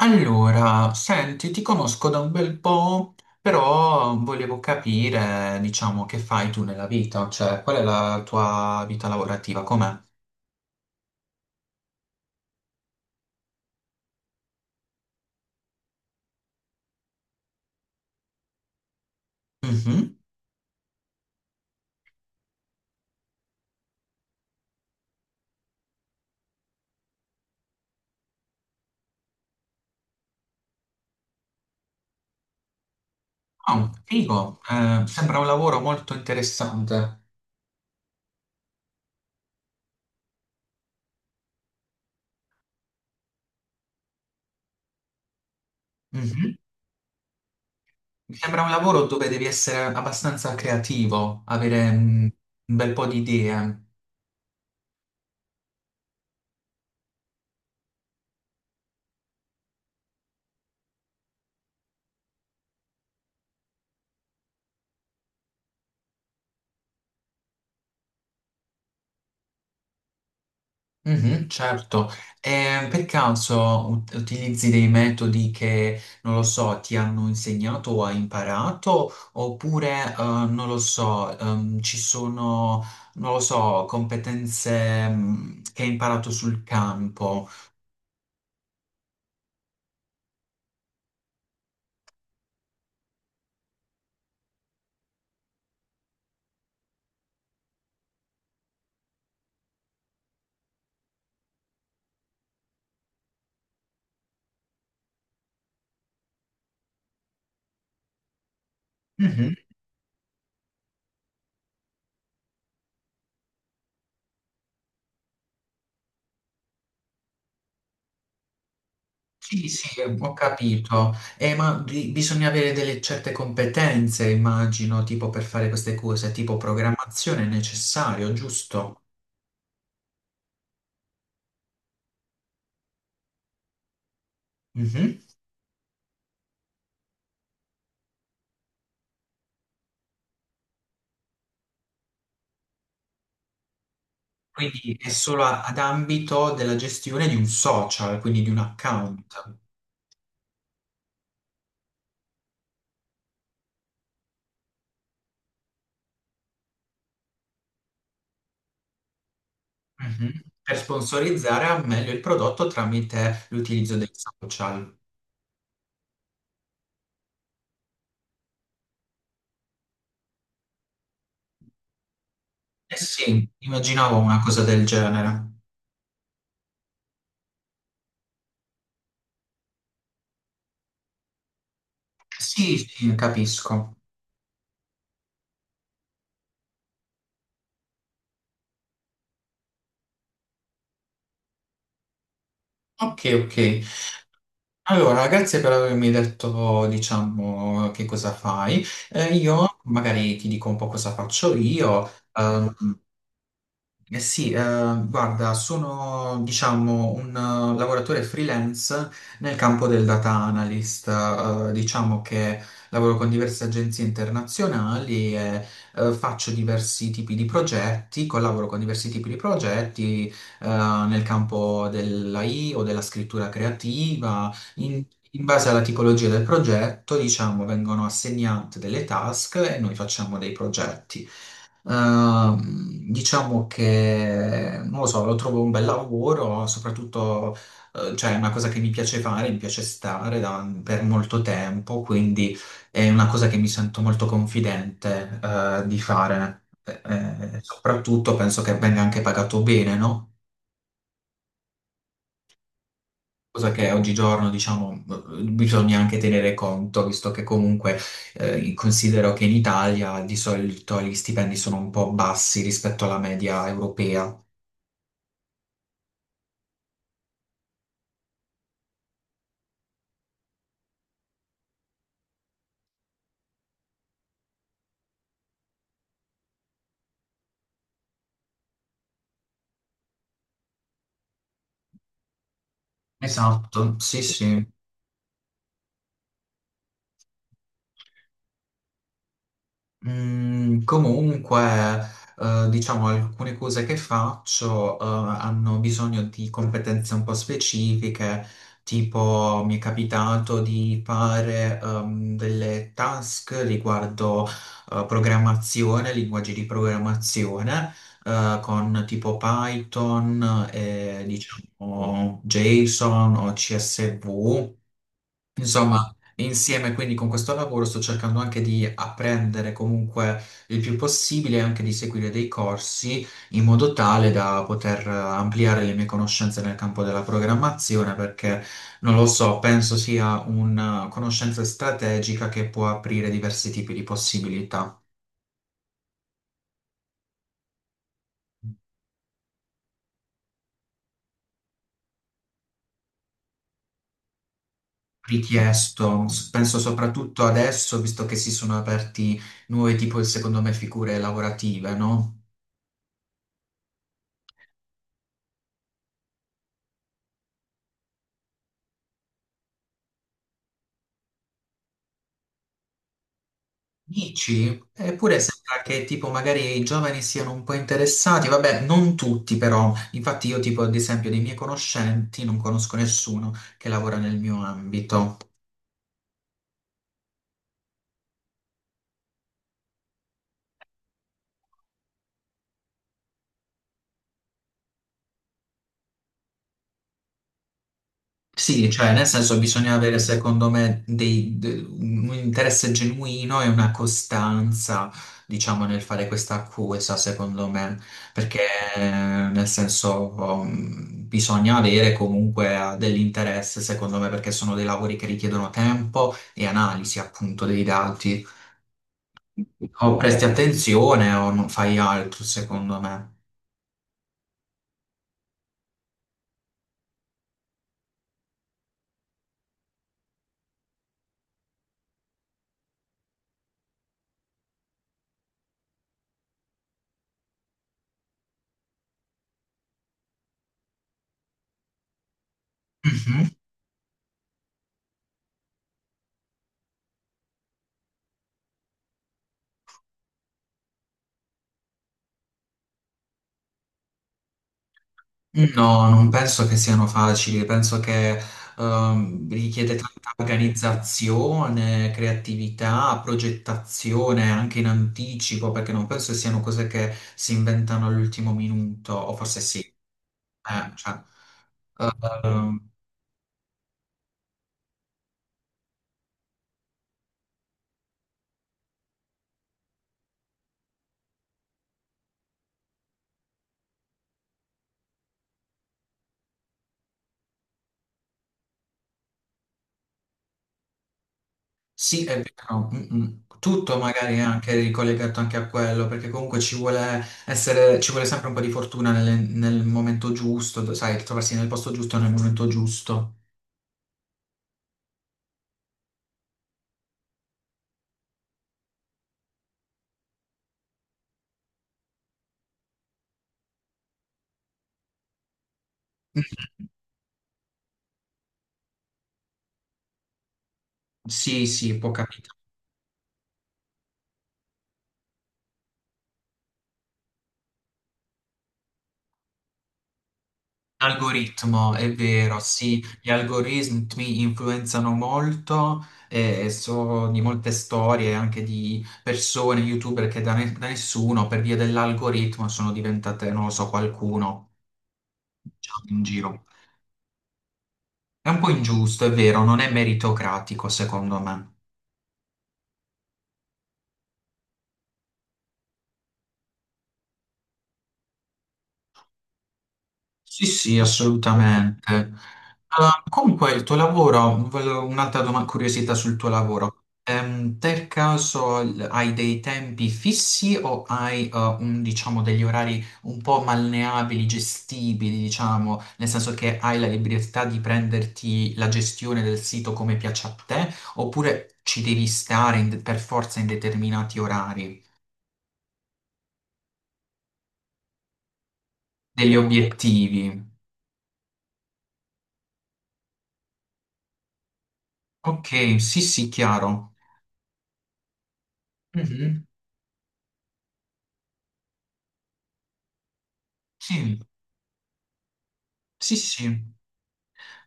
Allora, senti, ti conosco da un bel po', però volevo capire, diciamo, che fai tu nella vita, cioè qual è la tua vita lavorativa, com'è? Mhm. Oh, figo. Sembra un lavoro molto interessante. Mhm. Mi sembra un lavoro dove devi essere abbastanza creativo, avere un bel po' di idee. Mhm, certo. Per caso utilizzi dei metodi che, non lo so, ti hanno insegnato o hai imparato, oppure, non lo so, ci sono, non lo so, competenze, che hai imparato sul campo. Mhm. Sì, sì, ho capito. Ma bisogna avere delle certe competenze, immagino, tipo per fare queste cose, tipo programmazione è necessario, giusto? Quindi è solo ad ambito della gestione di un social, quindi di un account. Mhm. Per sponsorizzare al meglio il prodotto tramite l'utilizzo dei social. Eh sì, immaginavo una cosa del genere. Sì, sì, capisco. Ok, ok. Allora, grazie per avermi detto, diciamo, che cosa fai. Io magari ti dico un po' cosa faccio io. Eh sì, guarda, sono diciamo un lavoratore freelance nel campo del data analyst, diciamo che lavoro con diverse agenzie internazionali e faccio diversi tipi di progetti, collaboro con diversi tipi di progetti, nel campo dell'AI o della scrittura creativa. In, in base alla tipologia del progetto, diciamo, vengono assegnate delle task e noi facciamo dei progetti. Diciamo che, non lo so, lo trovo un bel lavoro, soprattutto, cioè è una cosa che mi piace fare, mi piace stare per molto tempo, quindi è una cosa che mi sento molto confidente, di fare. Soprattutto penso che venga anche pagato bene, no? Cosa che oggigiorno, diciamo, bisogna anche tenere conto, visto che comunque considero che in Italia di solito gli stipendi sono un po' bassi rispetto alla media europea. Esatto, sì, sì. Mm, comunque, diciamo, alcune cose che faccio, hanno bisogno di competenze un po' specifiche, tipo mi è capitato di fare, delle task riguardo, programmazione, linguaggi di programmazione, con tipo Python e, diciamo, JSON o CSV. Insomma, insieme quindi con questo lavoro sto cercando anche di apprendere comunque il più possibile e anche di seguire dei corsi in modo tale da poter ampliare le mie conoscenze nel campo della programmazione, perché non lo so, penso sia una conoscenza strategica che può aprire diversi tipi di possibilità. Richiesto, penso soprattutto adesso, visto che si sono aperti nuove tipo, secondo me, figure lavorative, no? Dici? Eppure sembra che tipo magari i giovani siano un po' interessati, vabbè, non tutti, però, infatti io tipo ad esempio dei miei conoscenti non conosco nessuno che lavora nel mio ambito. Sì, cioè nel senso bisogna avere secondo me un interesse genuino e una costanza, diciamo, nel fare questa accusa, secondo me, perché eh, nel senso bisogna avere comunque dell'interesse, secondo me, perché sono dei lavori che richiedono tempo e analisi appunto dei dati. O presti attenzione o non fai altro, secondo me. No, non penso che siano facili, penso che richiede tanta organizzazione, creatività, progettazione anche in anticipo, perché non penso che siano cose che si inventano all'ultimo minuto, o forse sì. Eh, cioè, ehm, sì, è vero. Mm, mm. Tutto magari è anche ricollegato anche a quello, perché comunque ci vuole sempre un po' di fortuna nel momento giusto, sai, trovarsi nel posto giusto nel momento giusto. Sì, sì, può capitare. Algoritmo, è vero, sì, gli algoritmi influenzano molto, so di molte storie anche di persone, youtuber che da, da nessuno per via dell'algoritmo sono diventate, non lo so, qualcuno, diciamo, in giro. È un po' ingiusto, è vero, non è meritocratico secondo me. Sì, sì, assolutamente. Comunque, il tuo lavoro, volevo un'altra domanda, curiosità sul tuo lavoro. Per caso hai dei tempi fissi o hai un, diciamo, degli orari un po' malleabili, gestibili, diciamo, nel senso che hai la libertà di prenderti la gestione del sito come piace a te, oppure ci devi stare per forza in determinati orari, degli obiettivi? Ok, sì, sì, chiaro. Mhm. Sì. Sì, sì, sì.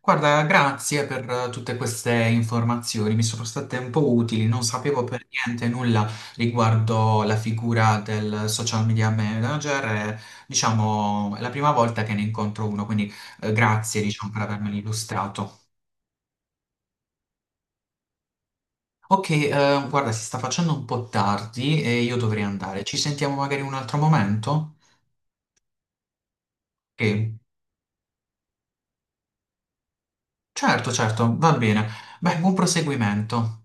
Guarda, grazie per tutte queste informazioni, mi sono state un po' utili, non sapevo per niente nulla riguardo la figura del social media manager, e, diciamo, è la prima volta che ne incontro uno, quindi grazie, diciamo, per avermelo illustrato. Ok, guarda, si sta facendo un po' tardi e io dovrei andare. Ci sentiamo magari in un altro momento? Ok, certo, certo, va bene. Beh, buon proseguimento.